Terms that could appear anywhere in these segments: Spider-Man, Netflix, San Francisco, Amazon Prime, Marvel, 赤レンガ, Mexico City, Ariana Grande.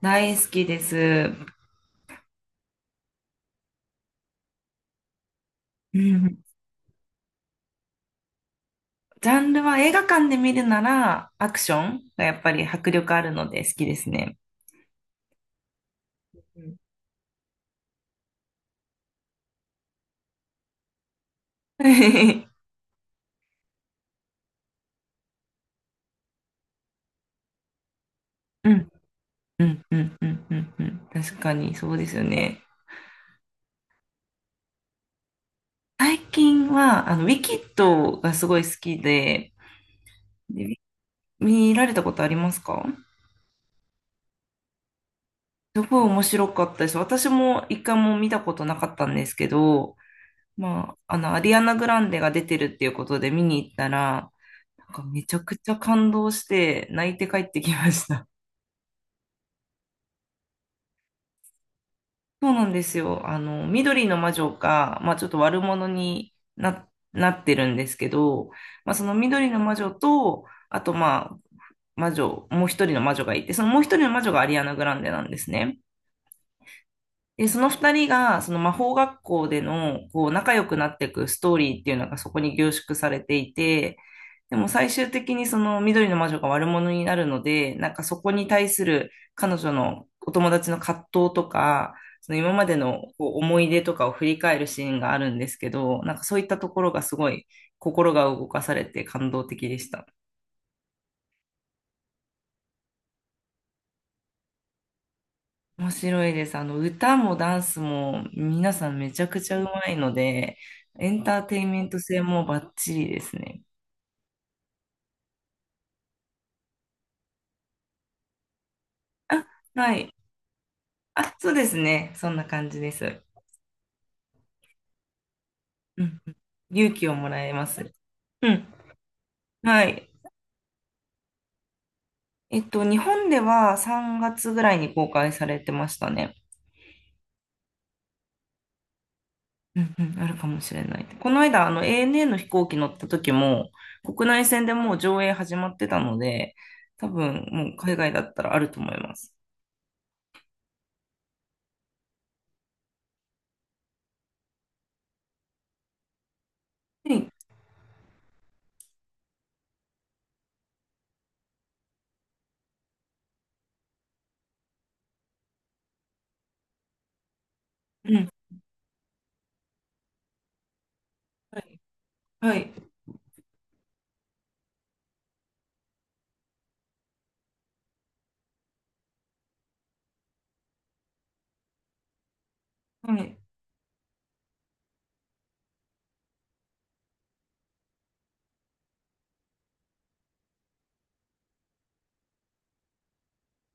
大好きです。うん。ジャンルは映画館で見るならアクションがやっぱり迫力あるので好きですね。うん うん、うん、うん、うん、うん、うん。確かにそうですよね。最近は、ウィキッドがすごい好きで、で、見られたことありますか？すごい面白かったです。私も一回も見たことなかったんですけど、アリアナ・グランデが出てるっていうことで見に行ったら、なんかめちゃくちゃ感動して泣いて帰ってきました。そうなんですよ。緑の魔女が、まあちょっと悪者になってるんですけど、まあその緑の魔女と、あとまあ魔女、もう一人の魔女がいて、そのもう一人の魔女がアリアナ・グランデなんですね。で、その二人が、その魔法学校での、こう、仲良くなっていくストーリーっていうのがそこに凝縮されていて、でも最終的にその緑の魔女が悪者になるので、なんかそこに対する彼女のお友達の葛藤とか、その今までのこう思い出とかを振り返るシーンがあるんですけど、なんかそういったところがすごい心が動かされて感動的でした。面白いです。歌もダンスも皆さんめちゃくちゃうまいので、エンターテインメント性もバッチリですね。あ、はい。あ、そうですね。そんな感じです。うん。うん、勇気をもらえます。うん。はい。日本では3月ぐらいに公開されてましたね。うんうん、あるかもしれない。この間、ANA の飛行機乗った時も、国内線でもう上映始まってたので、多分もう海外だったらあると思います。はい。うん、はい。はい。はい。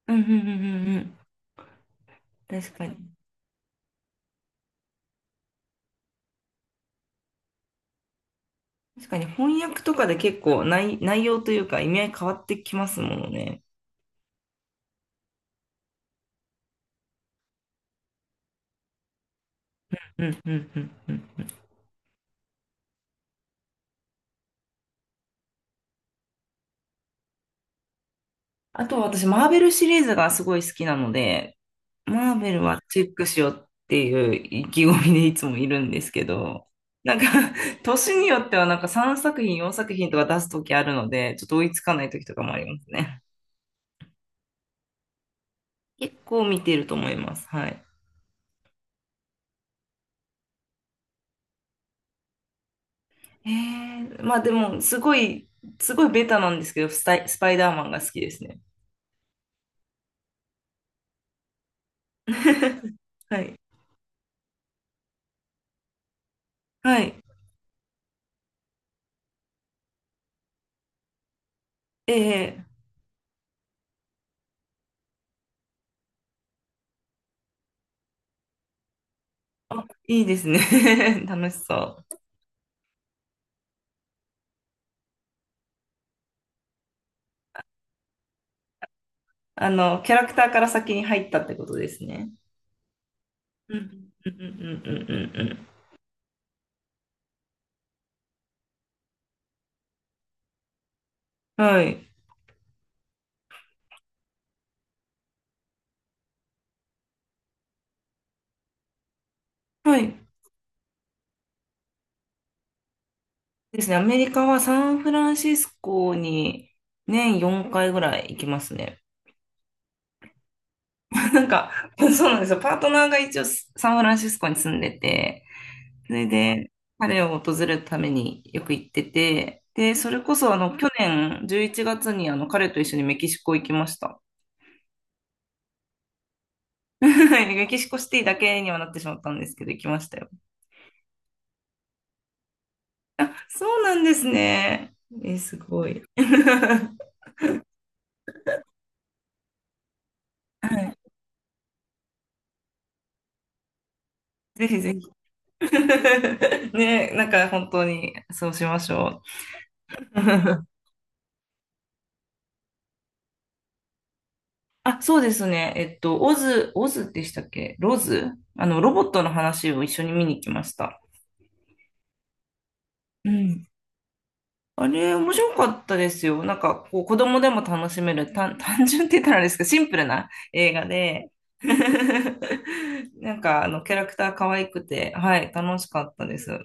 うんうんうんうんうん。確かに。確かに翻訳とかで結構内容というか意味合い変わってきますものね。うんうんうんうん。あと私、マーベルシリーズがすごい好きなので、マーベルはチェックしようっていう意気込みでいつもいるんですけど、なんか 年によってはなんか3作品、4作品とか出すときあるので、ちょっと追いつかないときとかもありますね。結構見てると思います。はい。ええまあでも、すごいベタなんですけど、スパイダーマンが好きですね。はい。はい。ええ、あ、いいですね。楽しそう。キャラクターから先に入ったってことですね。うん、うん、うん、うん、うんうん。はい。はい。ですね。アメリカはサンフランシスコに年4回ぐらい行きますね。なんか、そうなんですよ。パートナーが一応サンフランシスコに住んでて、それで、彼を訪れるためによく行ってて、で、それこそ去年11月に彼と一緒にメキシコ行きました。メキシコシティだけにはなってしまったんですけど、行きましたよ。そうなんですね。え、すごい。はい。ぜひぜひ。ね、なんか本当にそうしましょう。あ、そうですね。オズ、オズでしたっけ、ロズ、ロボットの話を一緒に見に行きました。うん。あれ、面白かったですよ。なんか、こう、子供でも楽しめる、単、単純って言ったらあれですけど、シンプルな映画で、なんか、キャラクター可愛くて、はい、楽しかったです。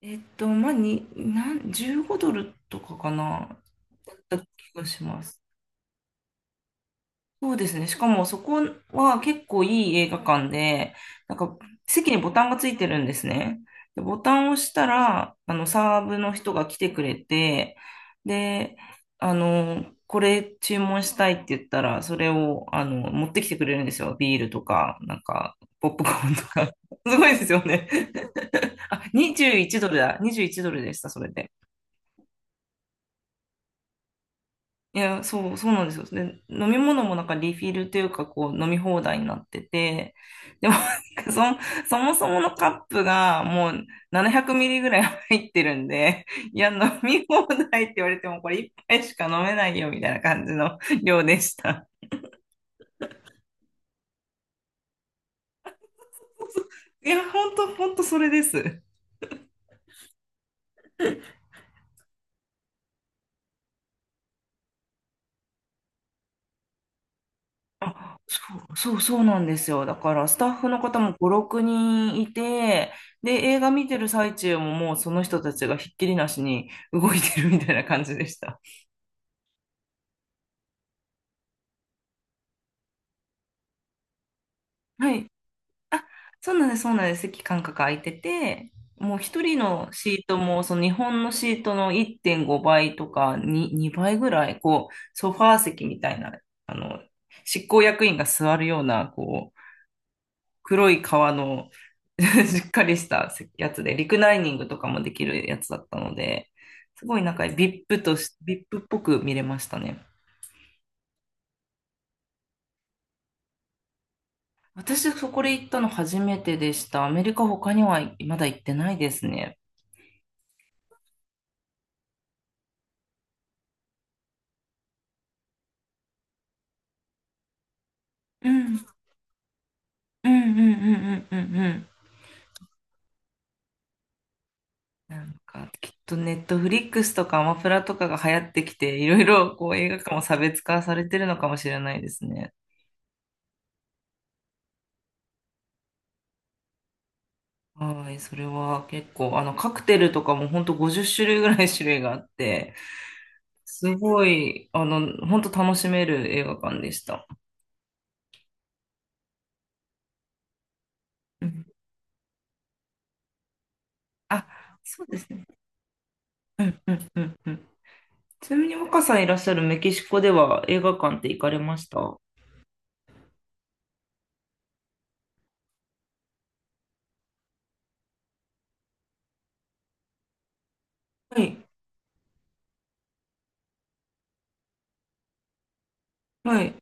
えっと、まあ、に、なん、15ドルとかかな、だった気がします。そうですね。しかもそこは結構いい映画館で、なんか席にボタンがついてるんですね。で、ボタンを押したら、サーブの人が来てくれて、で、これ注文したいって言ったら、それを、持ってきてくれるんですよ。ビールとか、なんか、ポップコーンとか。すごいですよね。あ、21ドルだ。21ドルでした、それで。いや、そうなんですよ。で、飲み物もなんかリフィルというか、こう、飲み放題になってて、でも、なんかそもそものカップがもう700ミリぐらい入ってるんで、いや、飲み放題って言われても、これ一杯しか飲めないよ、みたいな感じの量でした。いや、ほんと、ほんとそれです。そうそうそうなんですよ。だからスタッフの方も5、6人いて、で、映画見てる最中ももうその人たちがひっきりなしに動いてるみたいな感じでした。はい。あ、そうなんです、そうなんです。席間隔空いてて、もう一人のシートも、その日本のシートの1.5倍とか2倍ぐらい、こう、ソファー席みたいな、あの、執行役員が座るような、こう、黒い革の しっかりしたやつで、リクライニングとかもできるやつだったので、すごいなんか VIP とし、VIP っぽく見れましたね。私、そこで行ったの初めてでした。アメリカ他にはまだ行ってないですね。うん。うんうんうんうんうんうん。なんか、きっとネットフリックスとかアマプラとかが流行ってきて、いろいろこう映画館も差別化されてるのかもしれないですね。はい、それは結構、カクテルとかも本当50種類ぐらい種類があって、すごい、本当楽しめる映画館でした。うん、あ、そうですね。うんうんうんうん。ちなみに若さんいらっしゃるメキシコでは映画館って行かれました？はい、はい、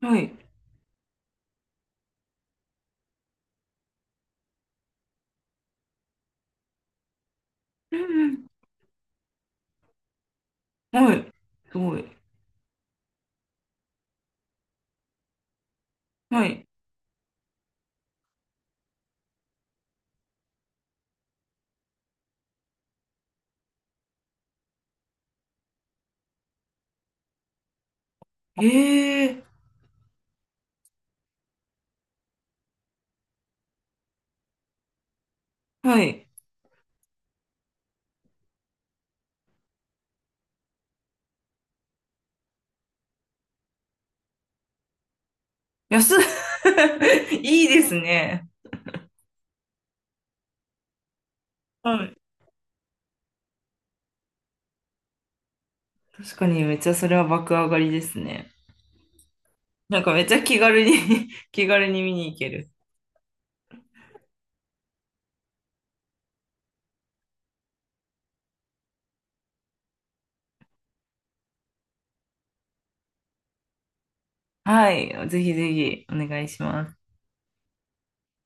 はい。うんうんはい。すごい。はい。ええ、はい。安っ いいですね。はい。確かにめっちゃそれは爆上がりですね。なんかめっちゃ気軽に 気軽に見に行ける。はい。ぜひぜひお願いします。